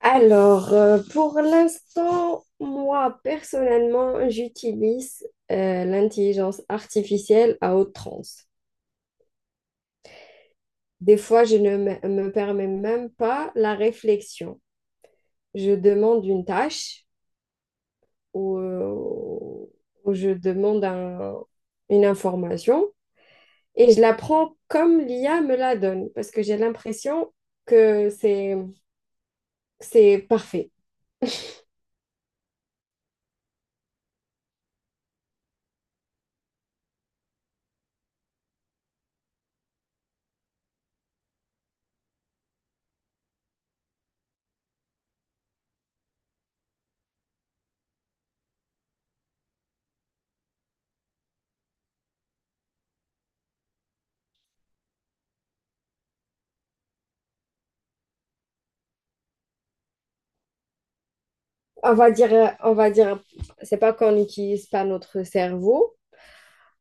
Alors, pour l'instant, moi, personnellement, j'utilise l'intelligence artificielle à outrance. Des fois, je ne me permets même pas la réflexion. Je demande une tâche ou, euh, ou je demande une information et je la prends comme l'IA me la donne parce que j'ai l'impression que c'est parfait. On va dire, c'est pas qu'on n'utilise pas notre cerveau,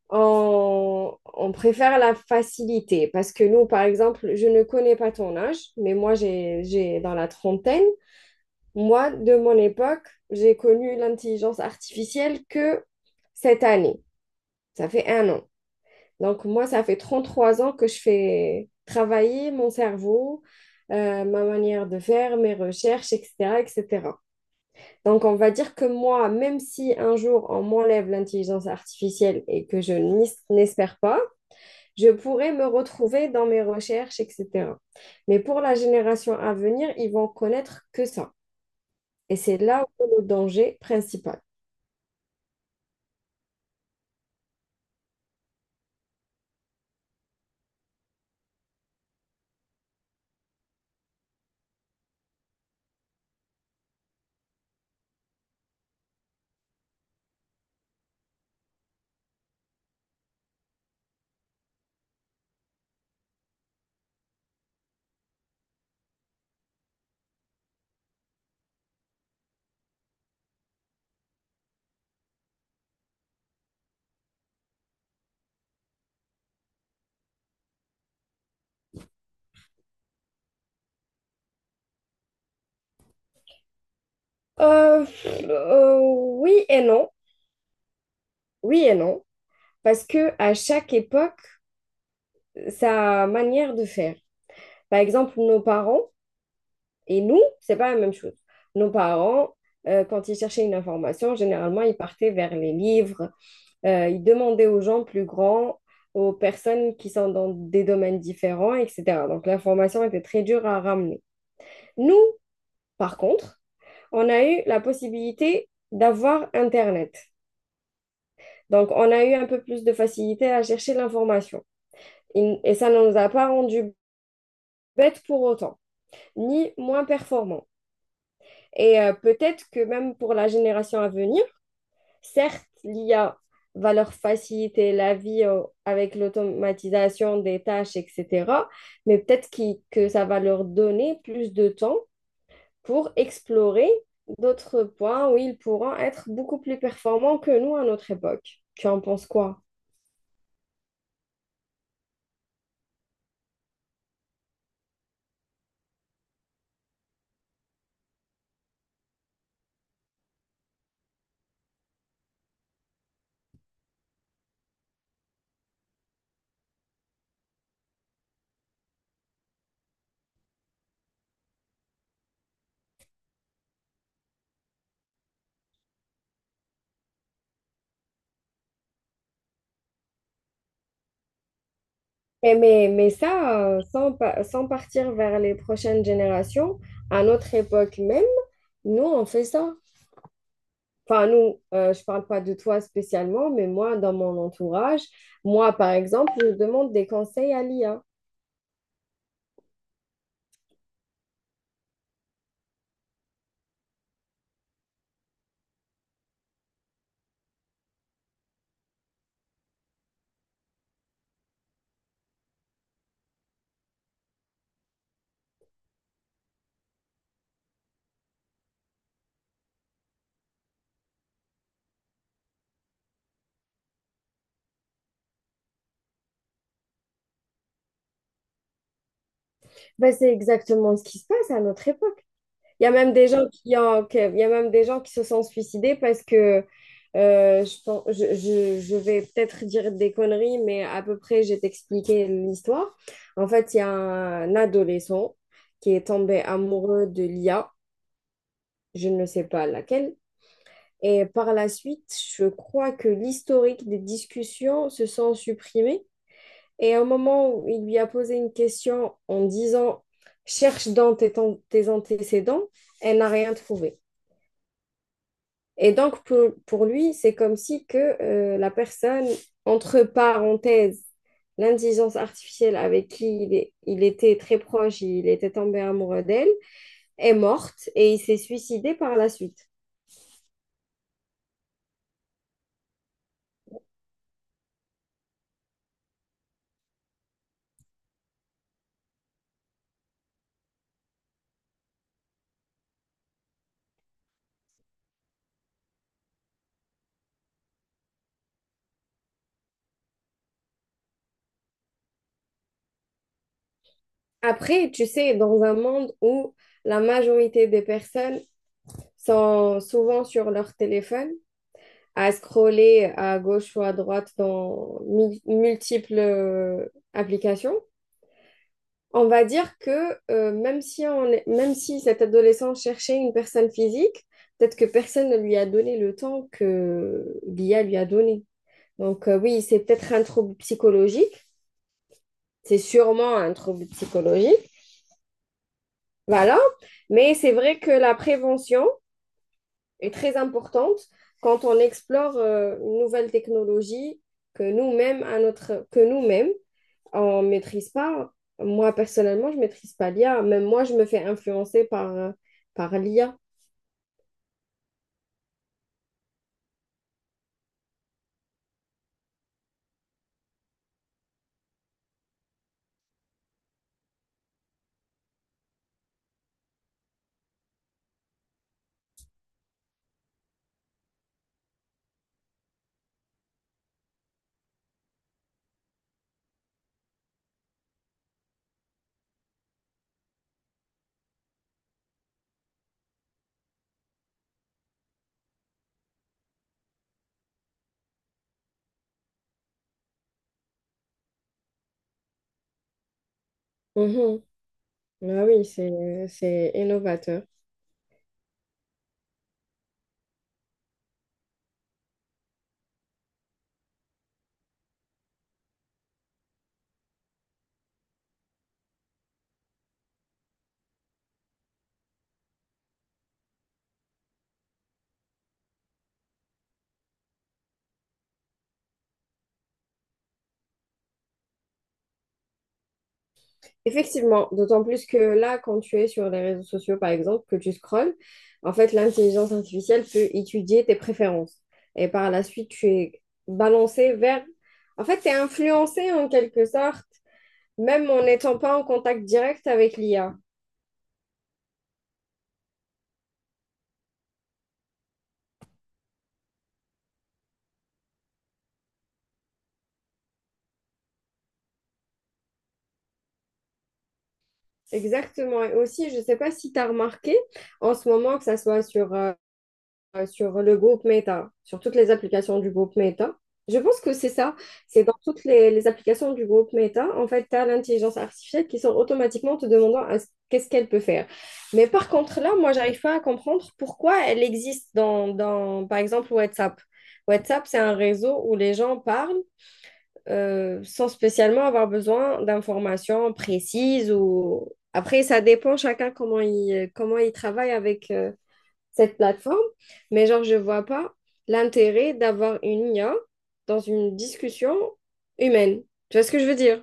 on préfère la facilité parce que nous, par exemple, je ne connais pas ton âge, mais moi, j'ai dans la trentaine. Moi, de mon époque, j'ai connu l'intelligence artificielle que cette année. Ça fait un an. Donc, moi, ça fait 33 ans que je fais travailler mon cerveau, ma manière de faire, mes recherches, etc., etc. Donc, on va dire que moi, même si un jour on m'enlève l'intelligence artificielle et que je n'espère pas, je pourrais me retrouver dans mes recherches, etc. Mais pour la génération à venir, ils vont connaître que ça. Et c'est là où est le danger principal. Euh, oui et non. Oui et non. Parce que à chaque époque, sa manière de faire. Par exemple, nos parents et nous, c'est pas la même chose. Nos parents, quand ils cherchaient une information, généralement, ils partaient vers les livres. Ils demandaient aux gens plus grands, aux personnes qui sont dans des domaines différents, etc. Donc l'information était très dure à ramener. Nous, par contre, on a eu la possibilité d'avoir Internet. Donc on a eu un peu plus de facilité à chercher l'information. Et ça ne nous a pas rendu bêtes pour autant, ni moins performants. Et peut-être que même pour la génération à venir, certes, l'IA va leur faciliter la vie avec l'automatisation des tâches, etc. Mais peut-être que ça va leur donner plus de temps pour explorer d'autres points où ils pourront être beaucoup plus performants que nous à notre époque. Tu en penses quoi? Mais ça, sans partir vers les prochaines générations, à notre époque même, nous, on fait ça. Enfin, nous, je parle pas de toi spécialement, mais moi, dans mon entourage, moi, par exemple, je demande des conseils à l'IA. Ben, c'est exactement ce qui se passe à notre époque. Il y a même des gens il y a même des gens qui se sont suicidés parce que je pense, je vais peut-être dire des conneries, mais à peu près, je vais t'expliquer l'histoire. En fait, il y a un adolescent qui est tombé amoureux de l'IA, je ne sais pas laquelle. Et par la suite, je crois que l'historique des discussions se sont supprimés. Et au moment où il lui a posé une question en disant, cherche dans tes antécédents, elle n'a rien trouvé. Et donc, pour lui, c'est comme si que la personne, entre parenthèses, l'intelligence artificielle avec qui il était très proche, il était tombé amoureux d'elle, est morte et il s'est suicidé par la suite. Après, tu sais, dans un monde où la majorité des personnes sont souvent sur leur téléphone, à scroller à gauche ou à droite dans multiples applications. On va dire que même si même si cet adolescent cherchait une personne physique, peut-être que personne ne lui a donné le temps que l'IA lui a donné. Donc oui, c'est peut-être un trouble psychologique. C'est sûrement un trouble psychologique. Voilà. Mais c'est vrai que la prévention est très importante quand on explore une nouvelle technologie que nous-mêmes on maîtrise pas. Moi, personnellement, je maîtrise pas l'IA. Même moi, je me fais influencer par l'IA. Mhm. Ah oui, c'est innovateur. Effectivement, d'autant plus que là, quand tu es sur les réseaux sociaux, par exemple, que tu scrolles, en fait, l'intelligence artificielle peut étudier tes préférences. Et par la suite, tu es balancé vers. En fait, tu es influencé en quelque sorte, même en n'étant pas en contact direct avec l'IA. Exactement. Et aussi, je ne sais pas si tu as remarqué en ce moment, que ça soit sur le groupe Meta, sur toutes les applications du groupe Meta. Je pense que c'est ça. C'est dans toutes les applications du groupe Meta, en fait, tu as l'intelligence artificielle qui sort automatiquement te demandant qu'est-ce qu'elle peut faire. Mais par contre, là, moi, j'arrive pas à comprendre pourquoi elle existe dans, par exemple, WhatsApp. WhatsApp, c'est un réseau où les gens parlent sans spécialement avoir besoin d'informations précises ou. Après, ça dépend chacun comment il travaille avec cette plateforme, mais genre, je vois pas l'intérêt d'avoir une IA dans une discussion humaine. Tu vois ce que je veux dire?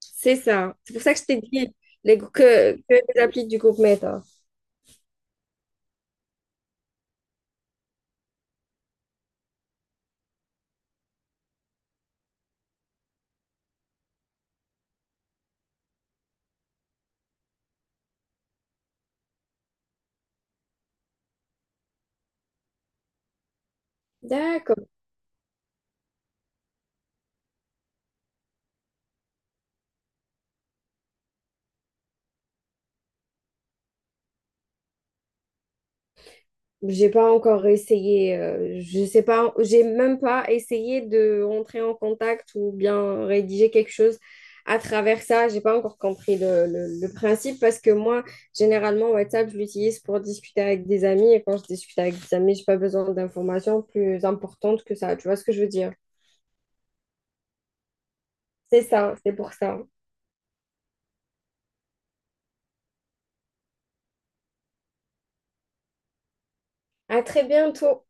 C'est ça. C'est pour ça que je t'ai dit que les applis du groupe Meta. D'accord. J'ai pas encore essayé, je sais pas, j'ai même pas essayé de rentrer en contact ou bien rédiger quelque chose à travers ça. J'ai pas encore compris le principe parce que moi, généralement, WhatsApp, je l'utilise pour discuter avec des amis et quand je discute avec des amis, j'ai pas besoin d'informations plus importantes que ça. Tu vois ce que je veux dire? C'est ça, c'est pour ça. À très bientôt.